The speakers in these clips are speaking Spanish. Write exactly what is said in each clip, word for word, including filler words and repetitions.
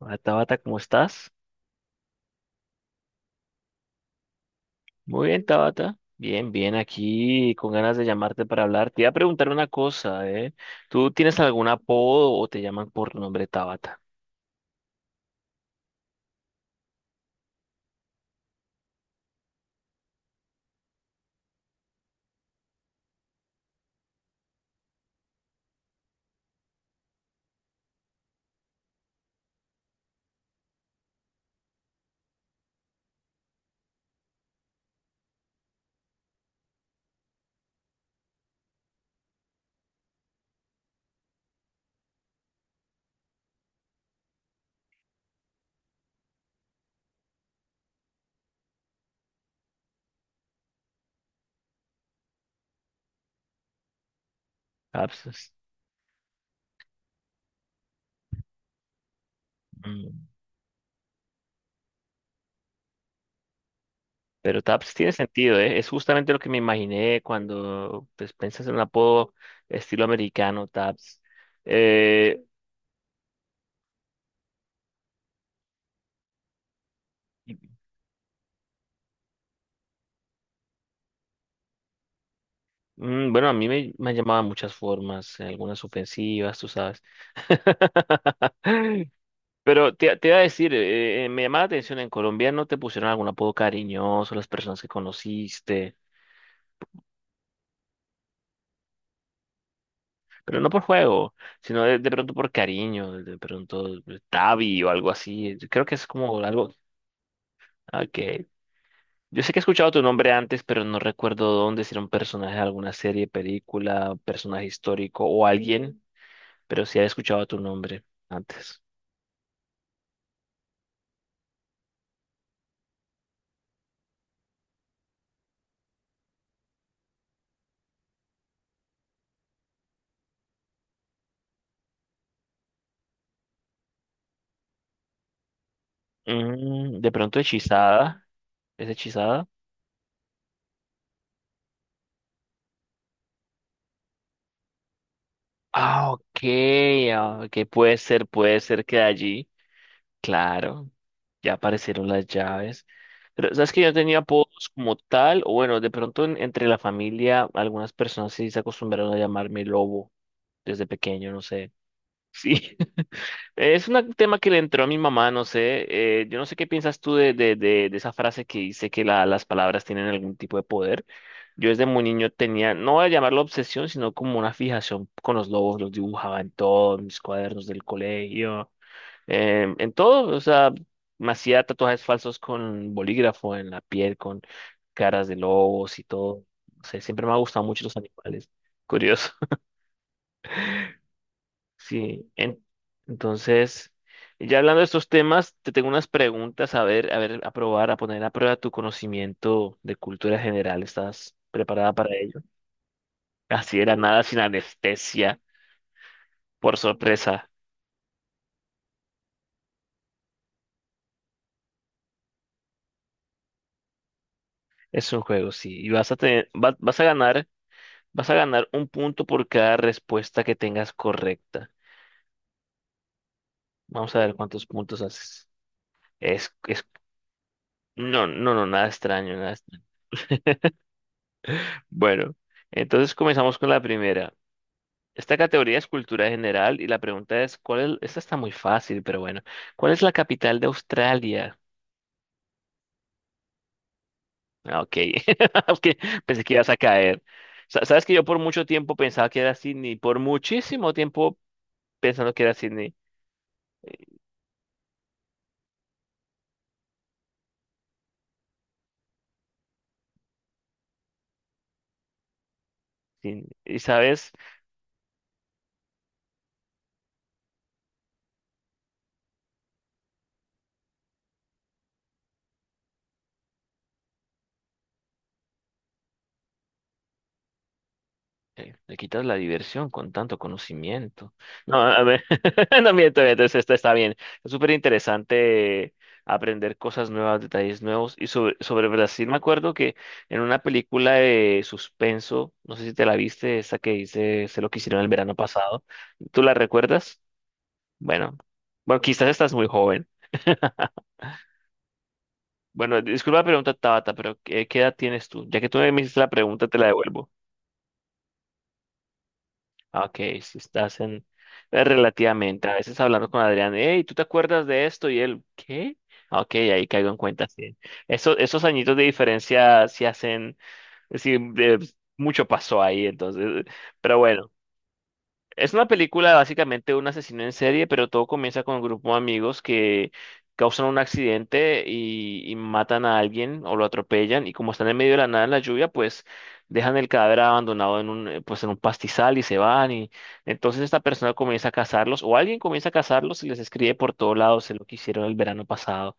Hola, Tabata, ¿cómo estás? Muy bien, Tabata. Bien, bien, aquí con ganas de llamarte para hablar. Te iba a preguntar una cosa, ¿eh? ¿Tú tienes algún apodo o te llaman por tu nombre Tabata? Taps. es- mm, Pero Taps tiene sentido, ¿eh? Es justamente lo que me imaginé cuando pues, piensas en un apodo estilo americano, Taps. Eh, y- mm, bueno, a mí me, me han llamado de muchas formas, algunas ofensivas, tú sabes. Pero te, te iba a decir, eh, eh, me llamaba la atención, en Colombia no te pusieron algún apodo cariñoso las personas que conociste, pero no por juego, sino de, de pronto por cariño, de, de pronto eh, Tavi o algo así. Creo que es como algo ah, que... Yo sé que he escuchado tu nombre antes, pero no recuerdo dónde, si era un personaje de alguna serie, película, personaje histórico o alguien, pero sí he escuchado tu nombre antes. Mm, de pronto hechizada, ¿es hechizada? Ah, ok, ah, ok, puede ser, puede ser que de allí, claro, ya aparecieron las llaves. Pero sabes que yo tenía apodos como tal, o bueno, de pronto en- entre la familia, algunas personas sí se acostumbraron a llamarme Lobo desde pequeño, no sé. Sí, es un tema que le entró a mi mamá, no sé. Eh, yo no sé qué piensas tú de, de, de, de esa frase que dice que la- las palabras tienen algún tipo de poder. Yo desde muy niño tenía, no voy a llamarlo obsesión, sino como una fijación con los lobos. Los dibujaba en todos mis cuadernos del colegio, em, en todo. O sea, me hacía tatuajes falsos con bolígrafo en la piel, con caras de lobos y todo. O sea, siempre me ha gustado mucho los animales. Curioso. Sí. En- entonces, ya hablando de estos temas, te tengo unas preguntas a ver, a ver, a probar, a poner a prueba tu conocimiento de cultura general. ¿Estás preparada para ello? Así era nada sin anestesia, por sorpresa. Es un juego, sí. Y vas a tener, va- vas a ganar, vas a ganar un punto por cada respuesta que tengas correcta. Vamos a ver cuántos puntos haces. Es, es, no, no, no, nada extraño, nada extraño. Bueno, entonces comenzamos con la primera. Esta categoría es cultura general y la pregunta es, ¿cuál es? Esta está muy fácil, pero bueno. ¿Cuál es la capital de Australia? Ah, ok, ok, pensé que ibas a caer. Sa- Sabes que yo por mucho tiempo pensaba que era Sydney, por muchísimo tiempo pensando que era Sydney. Sydney. Y sabes, Eh, le quitas la diversión con tanto conocimiento. No, a ver, no miento, entonces esto está bien. Es súper interesante aprender cosas nuevas, detalles nuevos. Y sobre, sobre Brasil, me acuerdo que en una película de suspenso, no sé si te la viste, esa que hice, sé lo que hicieron el verano pasado, ¿tú la recuerdas? Bueno, bueno, quizás estás muy joven. Bueno, disculpa la pregunta, Tabata, pero ¿qué, qué edad tienes tú? Ya que tú me hiciste la pregunta, te la devuelvo. Ah, ok, si estás en... eh, Relativamente, a veces hablando con Adrián, hey, ¿tú te acuerdas de esto? Y él, ¿qué? Ah, ok, ahí caigo en cuenta, sí. Eso- esos añitos de diferencia sí hacen, sí, de- mucho pasó ahí, entonces, pero bueno. Es una película básicamente de un asesino en serie, pero todo comienza con un grupo de amigos que causan un accidente y, y matan a alguien o lo atropellan y como están en medio de la nada en la lluvia, pues dejan el cadáver abandonado en un, eh, pues en un pastizal y se van y entonces esta persona comienza a cazarlos o alguien comienza a cazarlos y les escribe por todos lados de lo que hicieron el verano pasado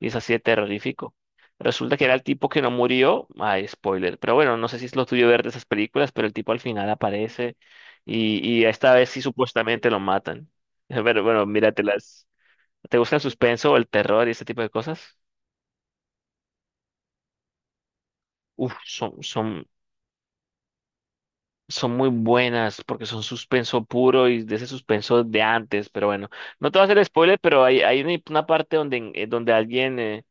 y es así de terrorífico. Resulta que era el tipo que no murió, ay, spoiler, pero bueno, no sé si es lo tuyo ver de esas películas, pero el tipo al final aparece y, y esta vez sí supuestamente lo matan. Pero bueno, míratelas. ¿Te gusta el suspenso o el terror y este tipo de cosas? Uf, son, son, son muy buenas porque son suspenso puro y de ese suspenso de antes. Pero bueno, no te voy a hacer spoiler, pero hay, hay una una parte donde, en- eh, donde alguien, eh,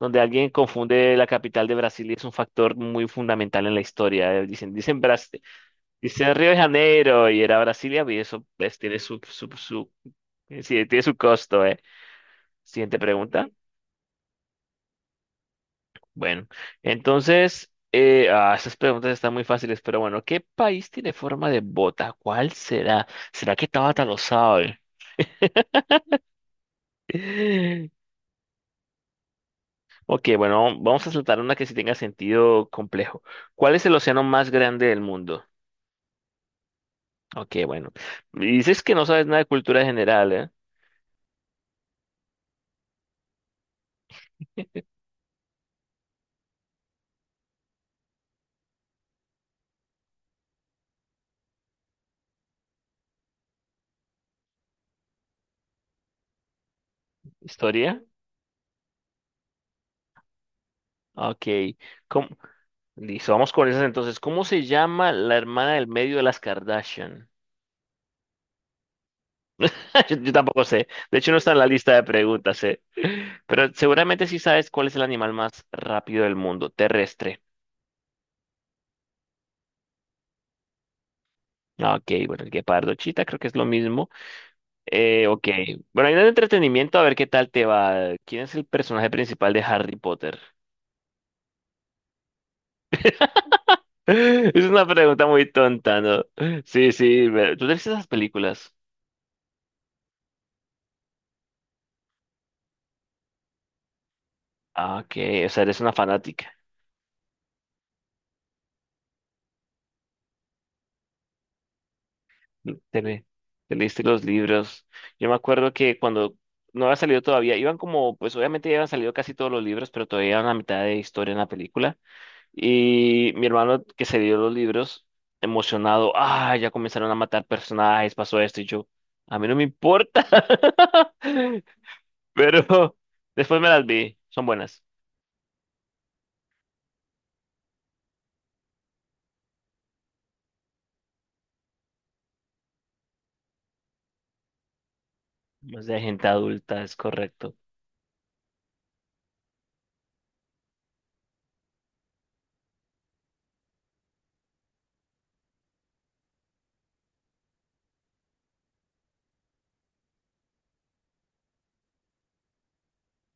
donde alguien confunde la capital de Brasil y es un factor muy fundamental en la historia. Eh, Dicen, dicen, Bras- dicen Río de Janeiro y era Brasilia y eso pues, tiene su, su, su, sí, tiene su costo, ¿eh? Siguiente pregunta. Bueno, entonces, eh, ah, esas preguntas están muy fáciles, pero bueno, ¿qué país tiene forma de bota? ¿Cuál será? ¿Será que Tabata lo sabe? Ok, bueno, vamos a saltar una que sí tenga sentido complejo. ¿Cuál es el océano más grande del mundo? Ok, bueno. Dices que no sabes nada de cultura general, ¿eh? ¿Historia? Ok. ¿Cómo? Listo, vamos con esas entonces. ¿Cómo se llama la hermana del medio de las Kardashian? Yo, yo tampoco sé. De hecho, no está en la lista de preguntas, ¿eh? Pero seguramente sí sabes cuál es el animal más rápido del mundo, terrestre. Ah, ok, bueno, el guepardo, chita, creo que es lo mismo. Eh, ok, bueno, hay un entretenimiento, a ver qué tal te va. ¿Quién es el personaje principal de Harry Potter? Es una pregunta muy tonta, ¿no? Sí, sí, ve- tú ves esas películas. Ah, ok, o sea, eres una fanática. Te, le- Te leíste los libros. Yo me acuerdo que cuando no había salido todavía, iban como, pues obviamente ya habían salido casi todos los libros, pero todavía iban a mitad de historia en la película. Y mi hermano que se dio los libros, emocionado, ah, ya comenzaron a matar personajes, pasó esto, y yo, a mí no me importa. Pero después me las vi, son buenas. Más de gente adulta, es correcto.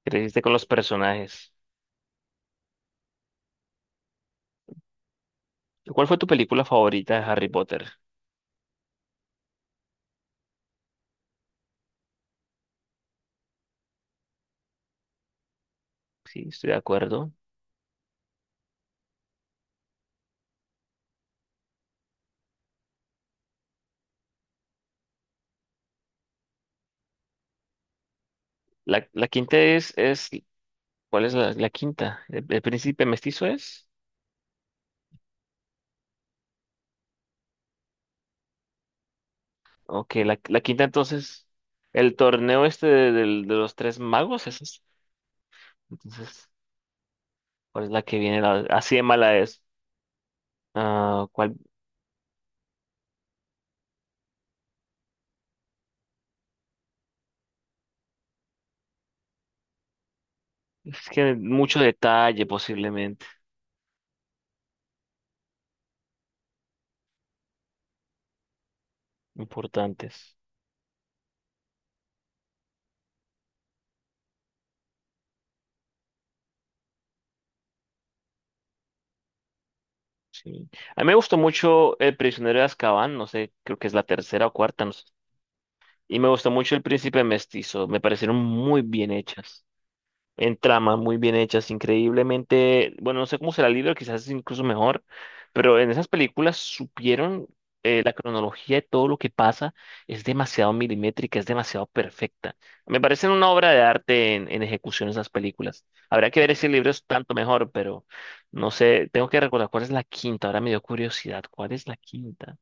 Creciste con los personajes. ¿Cuál fue tu película favorita de Harry Potter? Sí, estoy de acuerdo. La, la quinta es, es, ¿cuál es la, la quinta? ¿El, el príncipe mestizo es? Ok, la, la quinta entonces, el torneo este de, del- de los tres magos, ¿eso es? ¿ese? Entonces, ¿cuál es la que viene? La- así de mala es. Ah, ¿cuál? Es que mucho detalle posiblemente, importantes. Sí. A mí me gustó mucho El prisionero de Azkaban, no sé, creo que es la tercera o cuarta, no sé. Y me gustó mucho El príncipe mestizo, me parecieron muy bien hechas. En tramas muy bien hechas, increíblemente, bueno, no sé cómo será el libro, quizás es incluso mejor, pero en esas películas supieron eh, la cronología de todo lo que pasa, es demasiado milimétrica, es demasiado perfecta. Me parecen una obra de arte en, en ejecución esas películas. Habrá que ver si el libro es tanto mejor, pero no sé, tengo que recordar cuál es la quinta, ahora me dio curiosidad, ¿cuál es la quinta?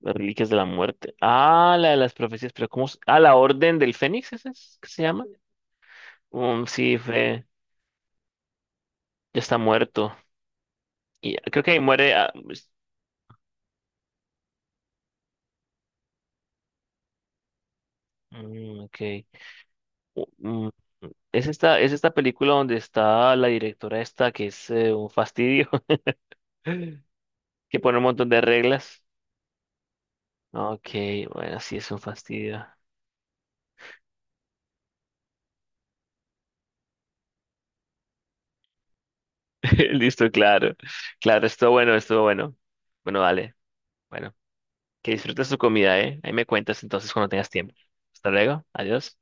Las Reliquias de la Muerte. Ah, la de las profecías, pero ¿cómo? se- Ah, la Orden del Fénix, ¿esa es? ¿Qué se llama? Um, sí, fue. Ya está muerto. Y creo que ahí muere. Ah, pues, mm, ok. U- mm, Es esta, es esta película donde está la directora esta, que es eh, un fastidio, que pone un montón de reglas. Ok, bueno, sí es un fastidio. Listo, claro. Claro, estuvo bueno, estuvo bueno. Bueno, vale. Bueno, que disfrutes tu comida, ¿eh? Ahí me cuentas entonces cuando tengas tiempo. Hasta luego, adiós.